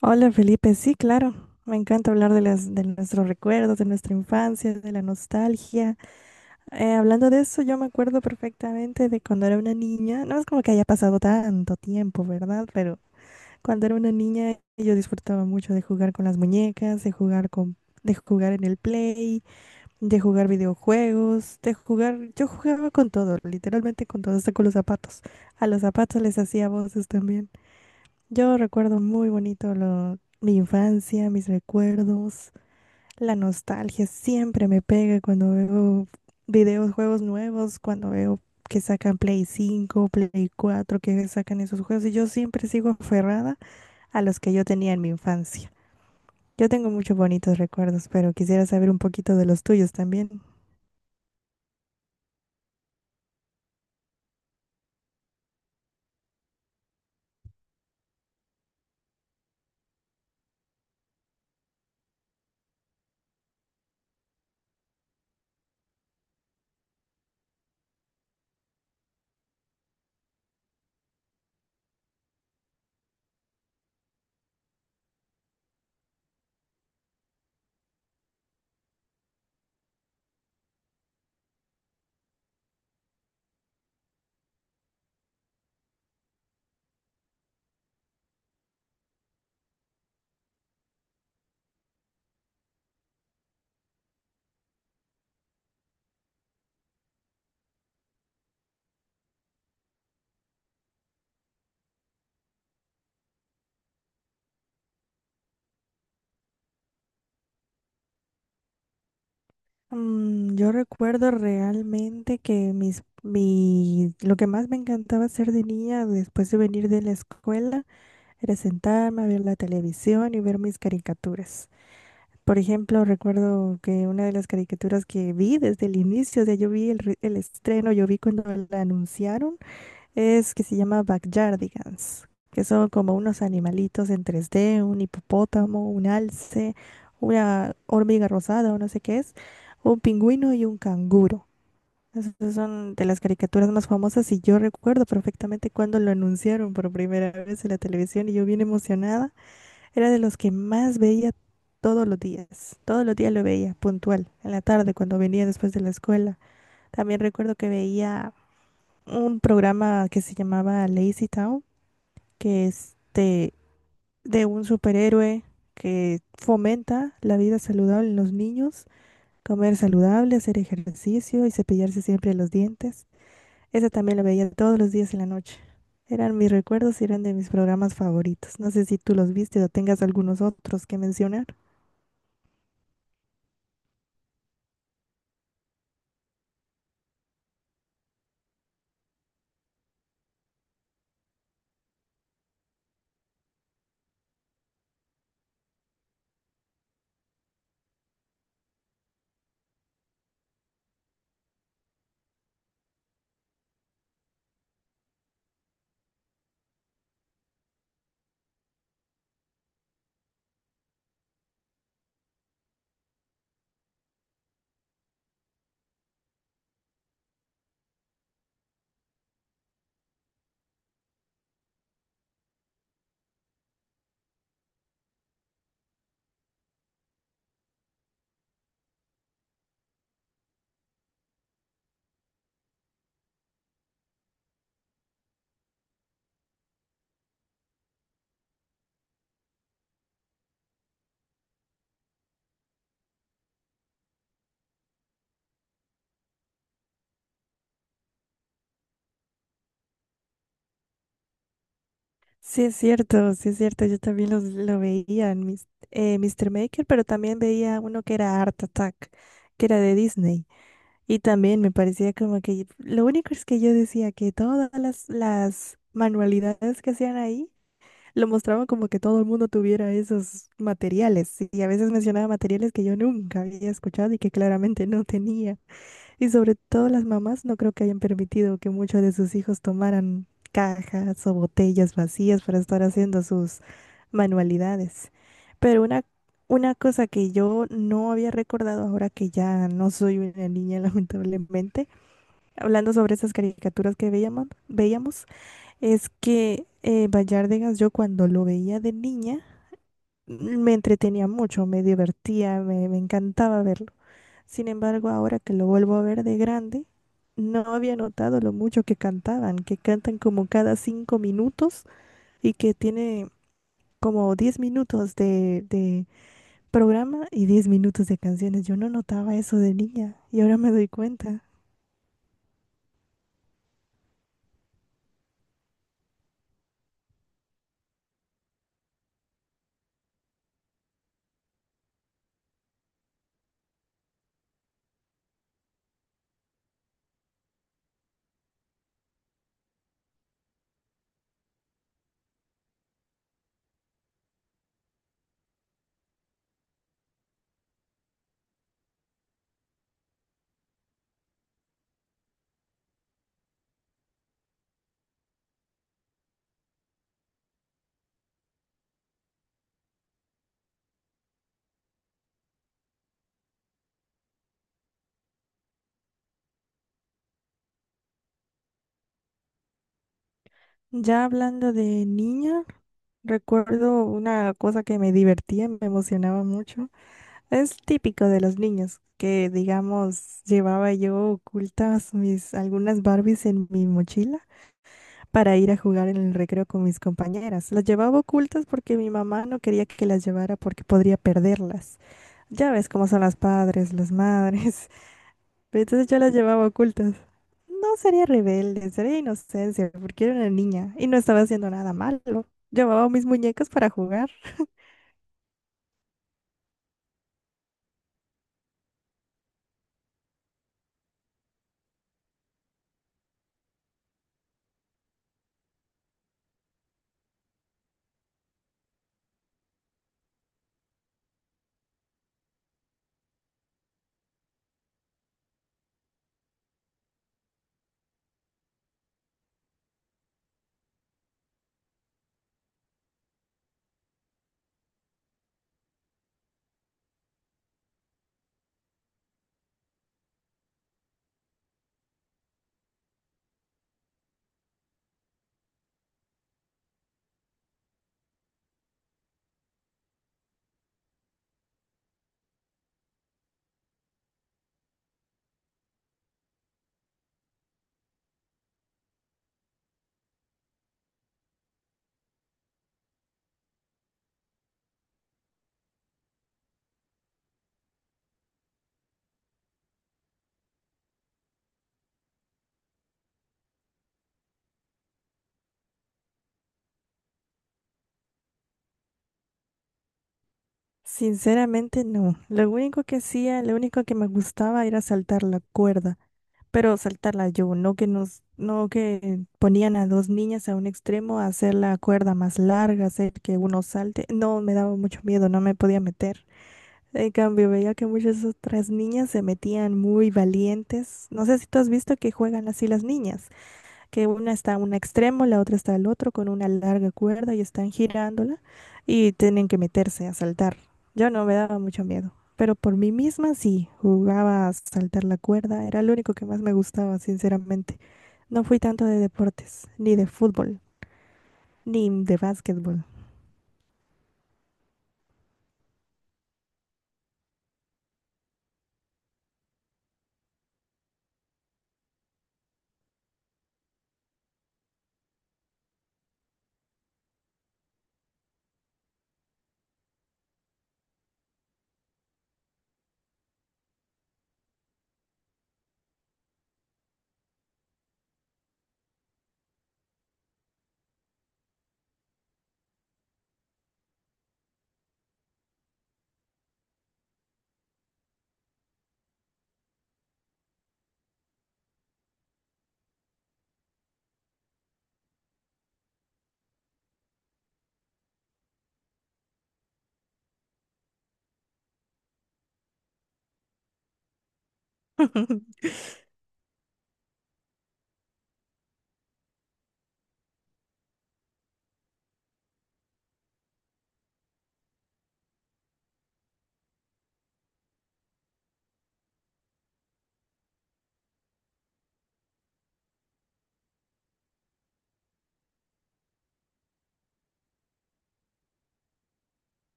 Hola Felipe, sí, claro. Me encanta hablar de las, de nuestros recuerdos, de nuestra infancia, de la nostalgia. Hablando de eso, yo me acuerdo perfectamente de cuando era una niña. No es como que haya pasado tanto tiempo, ¿verdad? Pero cuando era una niña yo disfrutaba mucho de jugar con las muñecas, de jugar con, de jugar en el play, de jugar videojuegos, de jugar. Yo jugaba con todo, literalmente con todo, hasta con los zapatos. A los zapatos les hacía voces también. Yo recuerdo muy bonito mi infancia, mis recuerdos, la nostalgia siempre me pega cuando veo videos, juegos nuevos, cuando veo que sacan Play 5, Play 4, que sacan esos juegos y yo siempre sigo aferrada a los que yo tenía en mi infancia. Yo tengo muchos bonitos recuerdos, pero quisiera saber un poquito de los tuyos también. Yo recuerdo realmente que lo que más me encantaba hacer de niña después de venir de la escuela era sentarme a ver la televisión y ver mis caricaturas. Por ejemplo, recuerdo que una de las caricaturas que vi desde el inicio, o sea, yo vi el, el estreno, yo vi cuando la anunciaron, es que se llama Backyardigans, que son como unos animalitos en 3D, un hipopótamo, un alce, una hormiga rosada o no sé qué es, un pingüino y un canguro. Esas son de las caricaturas más famosas y yo recuerdo perfectamente cuando lo anunciaron por primera vez en la televisión y yo bien emocionada era de los que más veía todos los días. Todos los días lo veía, puntual. En la tarde, cuando venía después de la escuela. También recuerdo que veía un programa que se llamaba Lazy Town, que es de un superhéroe que fomenta la vida saludable en los niños, comer saludable, hacer ejercicio y cepillarse siempre los dientes. Esa también la veía todos los días en la noche. Eran mis recuerdos y eran de mis programas favoritos. No sé si tú los viste o tengas algunos otros que mencionar. Sí, es cierto, sí es cierto. Yo también los, lo veía en mis, Mr. Maker, pero también veía uno que era Art Attack, que era de Disney. Y también me parecía como que lo único es que yo decía que todas las manualidades que hacían ahí lo mostraban como que todo el mundo tuviera esos materiales. Y a veces mencionaba materiales que yo nunca había escuchado y que claramente no tenía. Y sobre todo las mamás no creo que hayan permitido que muchos de sus hijos tomaran cajas o botellas vacías para estar haciendo sus manualidades. Pero una cosa que yo no había recordado ahora que ya no soy una niña, lamentablemente, hablando sobre esas caricaturas que veíamos, es que Bayárdegas, yo cuando lo veía de niña, me entretenía mucho, me divertía, me encantaba verlo. Sin embargo, ahora que lo vuelvo a ver de grande, no había notado lo mucho que cantaban, que cantan como cada 5 minutos y que tiene como 10 minutos de programa y 10 minutos de canciones. Yo no notaba eso de niña y ahora me doy cuenta. Ya hablando de niña, recuerdo una cosa que me divertía, me emocionaba mucho. Es típico de los niños que, digamos, llevaba yo ocultas mis algunas Barbies en mi mochila para ir a jugar en el recreo con mis compañeras. Las llevaba ocultas porque mi mamá no quería que las llevara porque podría perderlas. Ya ves cómo son las padres, las madres. Pero entonces yo las llevaba ocultas. No sería rebelde, sería inocencia, porque era una niña y no estaba haciendo nada malo. Llevaba mis muñecas para jugar. Sinceramente, no. Lo único que hacía, lo único que me gustaba era saltar la cuerda. Pero saltarla yo, no que ponían a dos niñas a un extremo a hacer la cuerda más larga, hacer que uno salte. No, me daba mucho miedo, no me podía meter. En cambio, veía que muchas otras niñas se metían muy valientes. No sé si tú has visto que juegan así las niñas que una está a un extremo, la otra está al otro con una larga cuerda y están girándola y tienen que meterse a saltar. Yo no me daba mucho miedo, pero por mí misma sí, jugaba a saltar la cuerda, era lo único que más me gustaba, sinceramente. No fui tanto de deportes, ni de fútbol, ni de básquetbol.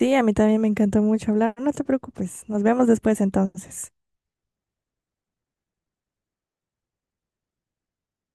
Sí, a mí también me encantó mucho hablar. No te preocupes, nos vemos después entonces.